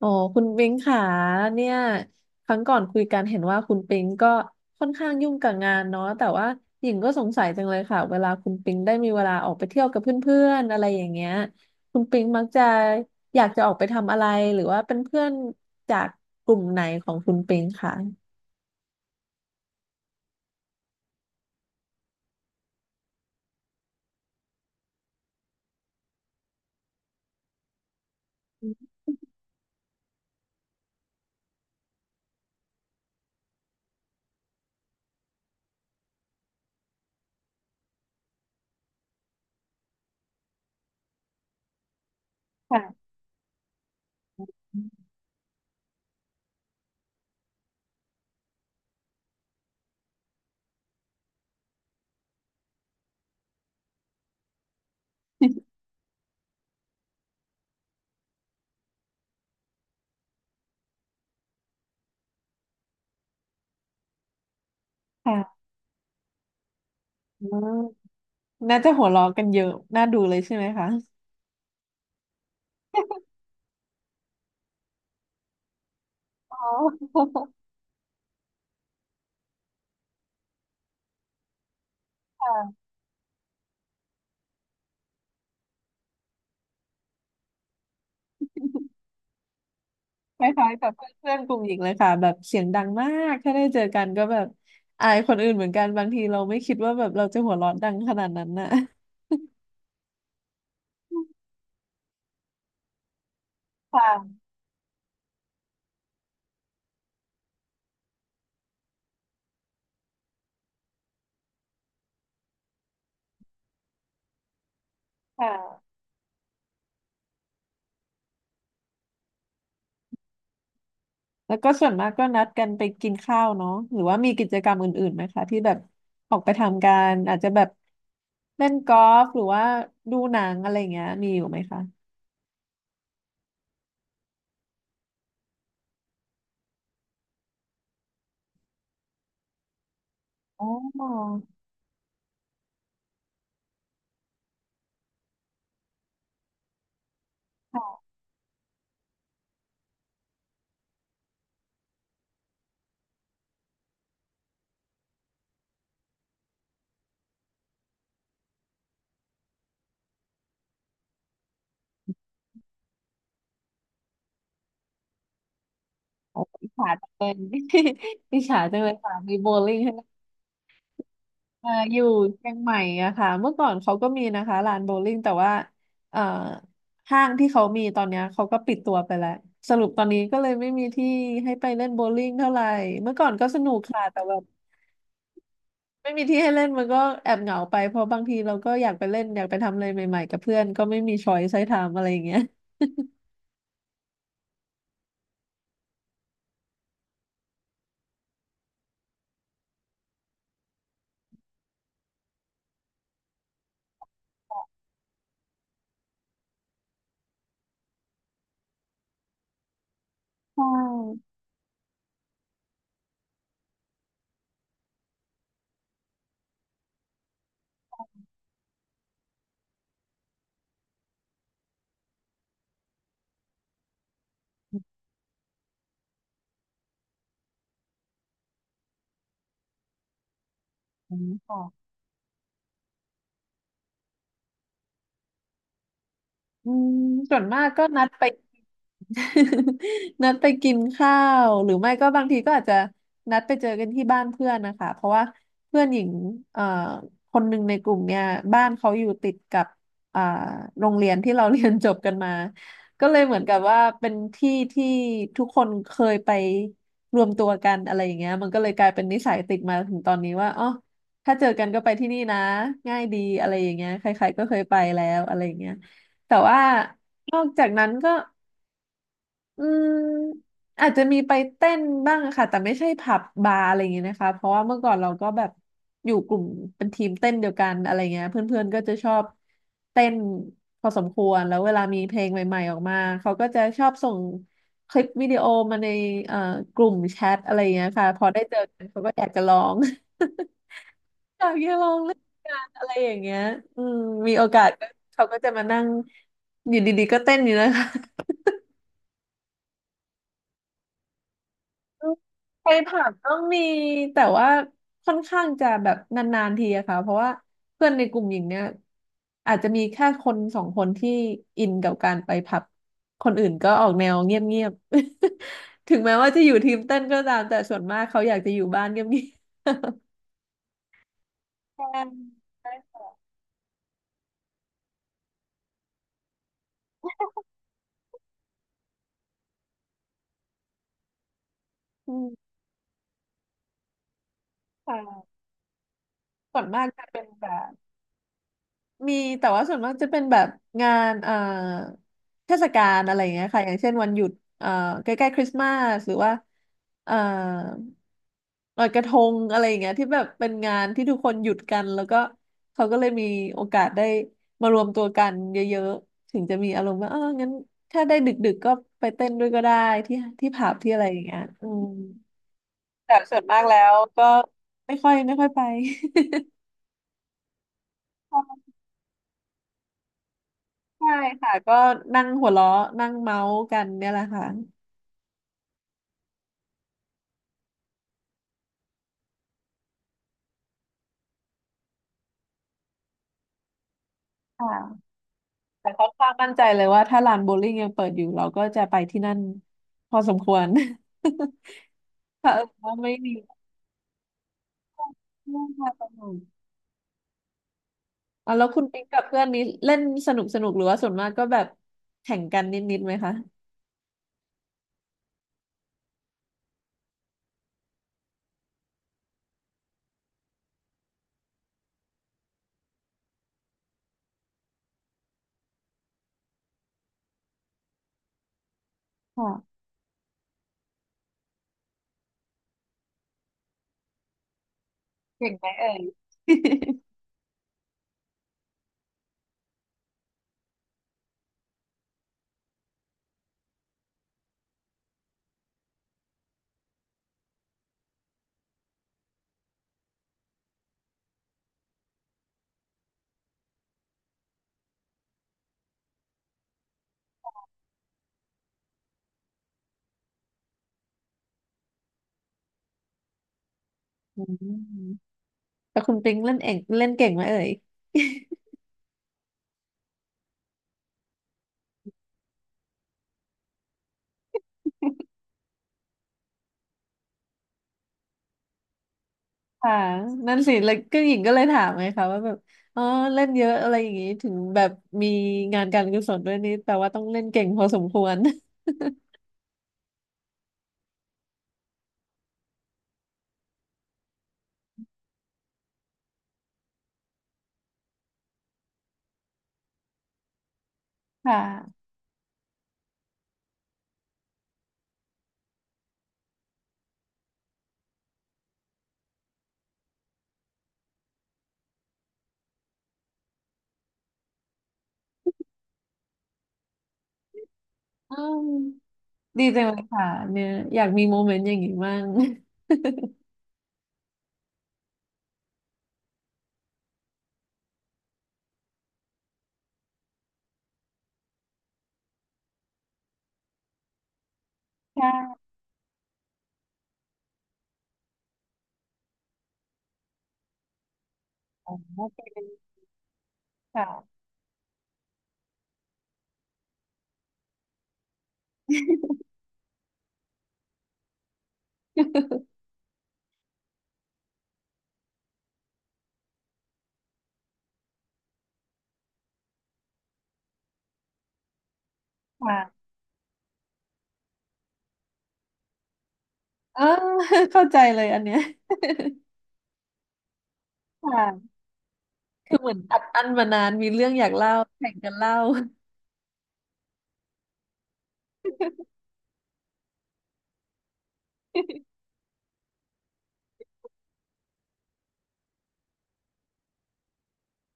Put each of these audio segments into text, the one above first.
อ๋อคุณปิงค่ะเนี่ยครั้งก่อนคุยกันเห็นว่าคุณปิงก็ค่อนข้างยุ่งกับงานเนาะแต่ว่าหญิงก็สงสัยจังเลยค่ะเวลาคุณปิงได้มีเวลาออกไปเที่ยวกับเพื่อนๆอะไรอย่างเงี้ยคุณปิงมักจะอยากจะออกไปทำอะไรหรือว่าเป็นเพื่อนจากกลุ่มไหนของคุณปิงค่ะค่ะ ค่ะออน่าจะหัวเราะกันเยอะน่าดูเลยใช่ไหมคะอ๋อ ค่ะ คล้ายๆกับเพื่อนๆกลุ่มหญิงเลยค่ะแบบเสียงดังมากถ้าได้เจอกันก็แบบอายคนอื่นเหมือนกันบางทีเราไม่คิดว่าแบบเราจะหัวเราะดังขนาดนั้นน่ะค่ะค่ะแล้วก็ส่วนมากก็นัดกันไปกินข้าวเนาะหรือว่ามีกิจกรรมอื่นๆไหมคะที่แบบออกไปทำกันอาจจะแบบเล่นกอล์ฟหรือว่าดูหนังอะไรอย่างเงี้ยมีอยู่ไหมคะอ๋อค่ะโอ้อิจฉาจังเลย อิจฉาจังเลยค่ะมีโบว์ลิ่งให้ อยู่เชียงใหม่อะค่ะเมื่อก่อนเขาก็มีนะคะลานโบว์ลิ่งแต่ว่าเอ่อห้างที่เขามีตอนเนี้ยเขาก็ปิดตัวไปแล้วสรุปตอนนี้ก็เลยไม่มีที่ให้ไปเล่นโบว์ลิ่งเท่าไหร่เมื่อก่อนก็สนุกค่ะแต่แบบไม่มีที่ให้เล่นมันก็แอบเหงาไปเพราะบางทีเราก็อยากไปเล่นอยากไปทำอะไรใหม่ๆกับเพื่อนก็ไม่มีช้อยส์ให้ทำอะไรอย่างเงี้ยใช่อืมค่ะ อืมส่วนมากก็นัดไป นัด ไปกินข้าวหรือไม่ก็บางทีก็อาจจะนัดไปเจอกันที่บ้านเพื่อนนะคะเพราะว่าเพื่อนหญิงเอ่อคนหนึ่งในกลุ่มเนี่ยบ้านเขาอยู่ติดกับอ่าโรงเรียนที่เราเรียนจบกันมาก็เลยเหมือนกับว่าเป็นที่ที่ทุกคนเคยไปรวมตัวกันอะไรอย่างเงี้ยมันก็เลยกลายเป็นนิสัยติดมาถึงตอนนี้ว่าอ๋อถ้าเจอกันก็ไปที่นี่นะง่ายดีอะไรอย่างเงี้ยใครๆก็เคยไปแล้วอะไรอย่างเงี้ย แต่ว่านอกจากนั้นก็อืมอาจจะมีไปเต้นบ้างค่ะแต่ไม่ใช่ผับบาร์อะไรอย่างเงี้ยนะคะเพราะว่าเมื่อก่อนเราก็แบบอยู่กลุ่มเป็นทีมเต้นเดียวกันอะไรเงี้ยเพื่อนๆก็จะชอบเต้นพอสมควรแล้วเวลามีเพลงใหม่ๆออกมาเขาก็จะชอบส่งคลิปวิดีโอมาในเอ่อกลุ่มแชทอะไรเงี้ยค่ะพอได้เจอกันเขาก็อยากจะร้อง อยากจะลองเล่นกานอะไรอย่างเงี้ยอืมมีโอกาสก็เขาก็จะมานั่งอยู่ดีๆก็เต้นอยู่นะคะอืมไปผับต้องมีแต่ว่าค่อนข้างจะแบบนานๆทีอะค่ะเพราะว่าเพื่อนในกลุ่มหญิงเนี่ยอาจจะมีแค่คนสองคนที่อินกับการไปผับคนอื่นก็ออกแนวเงียบๆ ถึงแม้ว่าจะอยู่ทีมเต้นก็ตามแต่ส่วนมากเขาอยากจะอยู่บ้านเงียบๆ ใช่อืมค่ะส่วนมากจะเป็นแบบ มีแต่ว่าส่วนมากจะเป็นแบบงานเทศกาลอะไรอย่างเงี้ยค่ะอย่างเช่นวันหยุดเอ่อใกล้ๆคริสต์มาสหรือว่าเอ่อลอยกระทงอะไรอย่างเงี้ยที่แบบเป็นงานที่ทุกคนหยุดกันแล้วก็เขาก็เลยมีโอกาสได้มารวมตัวกันเยอะๆถึงจะมีอารมณ์ว่าเอองั้นถ้าได้ดึกๆก็ไปเต้นด้วยก็ได้ที่ที่ผับที่อะไรอย่างเงี้ยอืมแต่ส่วนมากแล้วก็ไม่ค่อยไป ใช่ค่ะก็นั่งหัวเราะนั่งเมาส์กันเนี่ยแหละค่ะค่ะแต่ค่อนข้างมั่นใจเลยว่าถ้าลานโบว์ลิ่งยังเปิดอยู่เราก็จะไปที่นั่นพอสมควร ค่ะเออว่าไม่มีเล่องมาสนุกอ่ะแล้วคุณปิ๊กกับเพื่อนนี้เล่นสนุกสนุกหรือว่าส่วนมากก็แบบแข่งกันนิดๆไหมคะค่ะเก่งไหมเอ่ย อืมแต่คุณปิ๊งเล่นเองเล่นเก่งไหมเอ่ย ค่ะนั่นสิแล้วก็หญิงก็เลยถามไงคะว่าแบบอ๋อเล่นเยอะอะไรอย่างงี้ถึงแบบมีงานการกุศลด้วยนี่แปลว่าต้องเล่นเก่งพอสมควร ค่ะอืมดีจังเลยค่ะเนี่ยอยากมีโมเมนต์อย่างนี้บ้างใช่อ๋อเป็นค่ะ ค่ะเออเข้าใจเลยอันเนี้ยค่ะคือเหมือนอัดอั้นมานานมีเรื่องอยากเล่าแข่งกันเล่า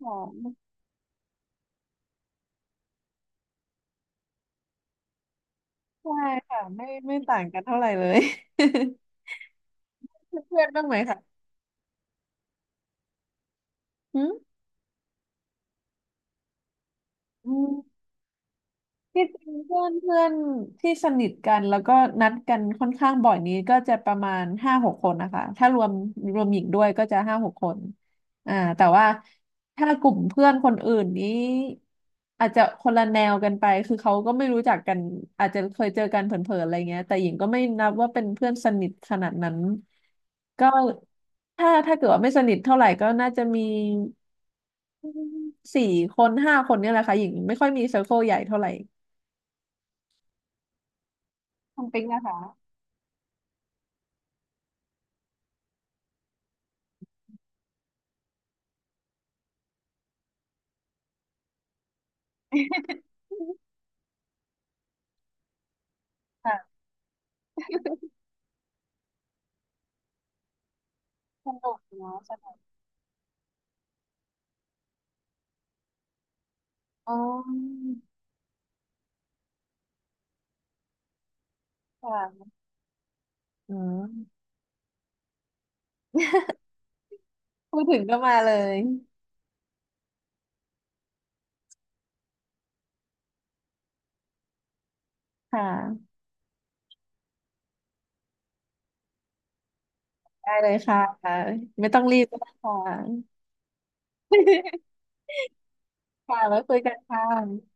ค่ะใช่ค่ะไม่ต่างกันเท่าไหร่เลย เพื่อนบ้างไหมคะ อืม ที่จริงเพื่อนเพื่อนที่สนิทกันแล้วก็นัดกันค่อนข้างบ่อยนี้ก็จะประมาณห้าหกคนนะคะถ้ารวมหญิงด้วยก็จะห้าหกคนอ่าแต่ว่าถ้ากลุ่มเพื่อนคนอื่นนี้อาจจะคนละแนวกันไปคือเขาก็ไม่รู้จักกันอาจจะเคยเจอกันเผลอๆอะไรเงี้ยแต่หญิงก็ไม่นับว่าเป็นเพื่อนสนิทขนาดนั้นก็ถ้าเกิดว่าไม่สนิทเท่าไหร่ก็น่าจะมี4-5 คนเนี่ยแหละค่ะหญิงไม่ค่อยมีเซอร์เคิลใหญ่เท่าไหร่ คุณปิ๊งนะคะ ค่ะสนุกเนาะสนุกอ๋อค่ะอืมพูดถึงก็มาเลยค่ะได้เลยค่ะ ไม่ต้องรีบก็ได้ค่ะ ค่ะแล้วคุยกันค่ะ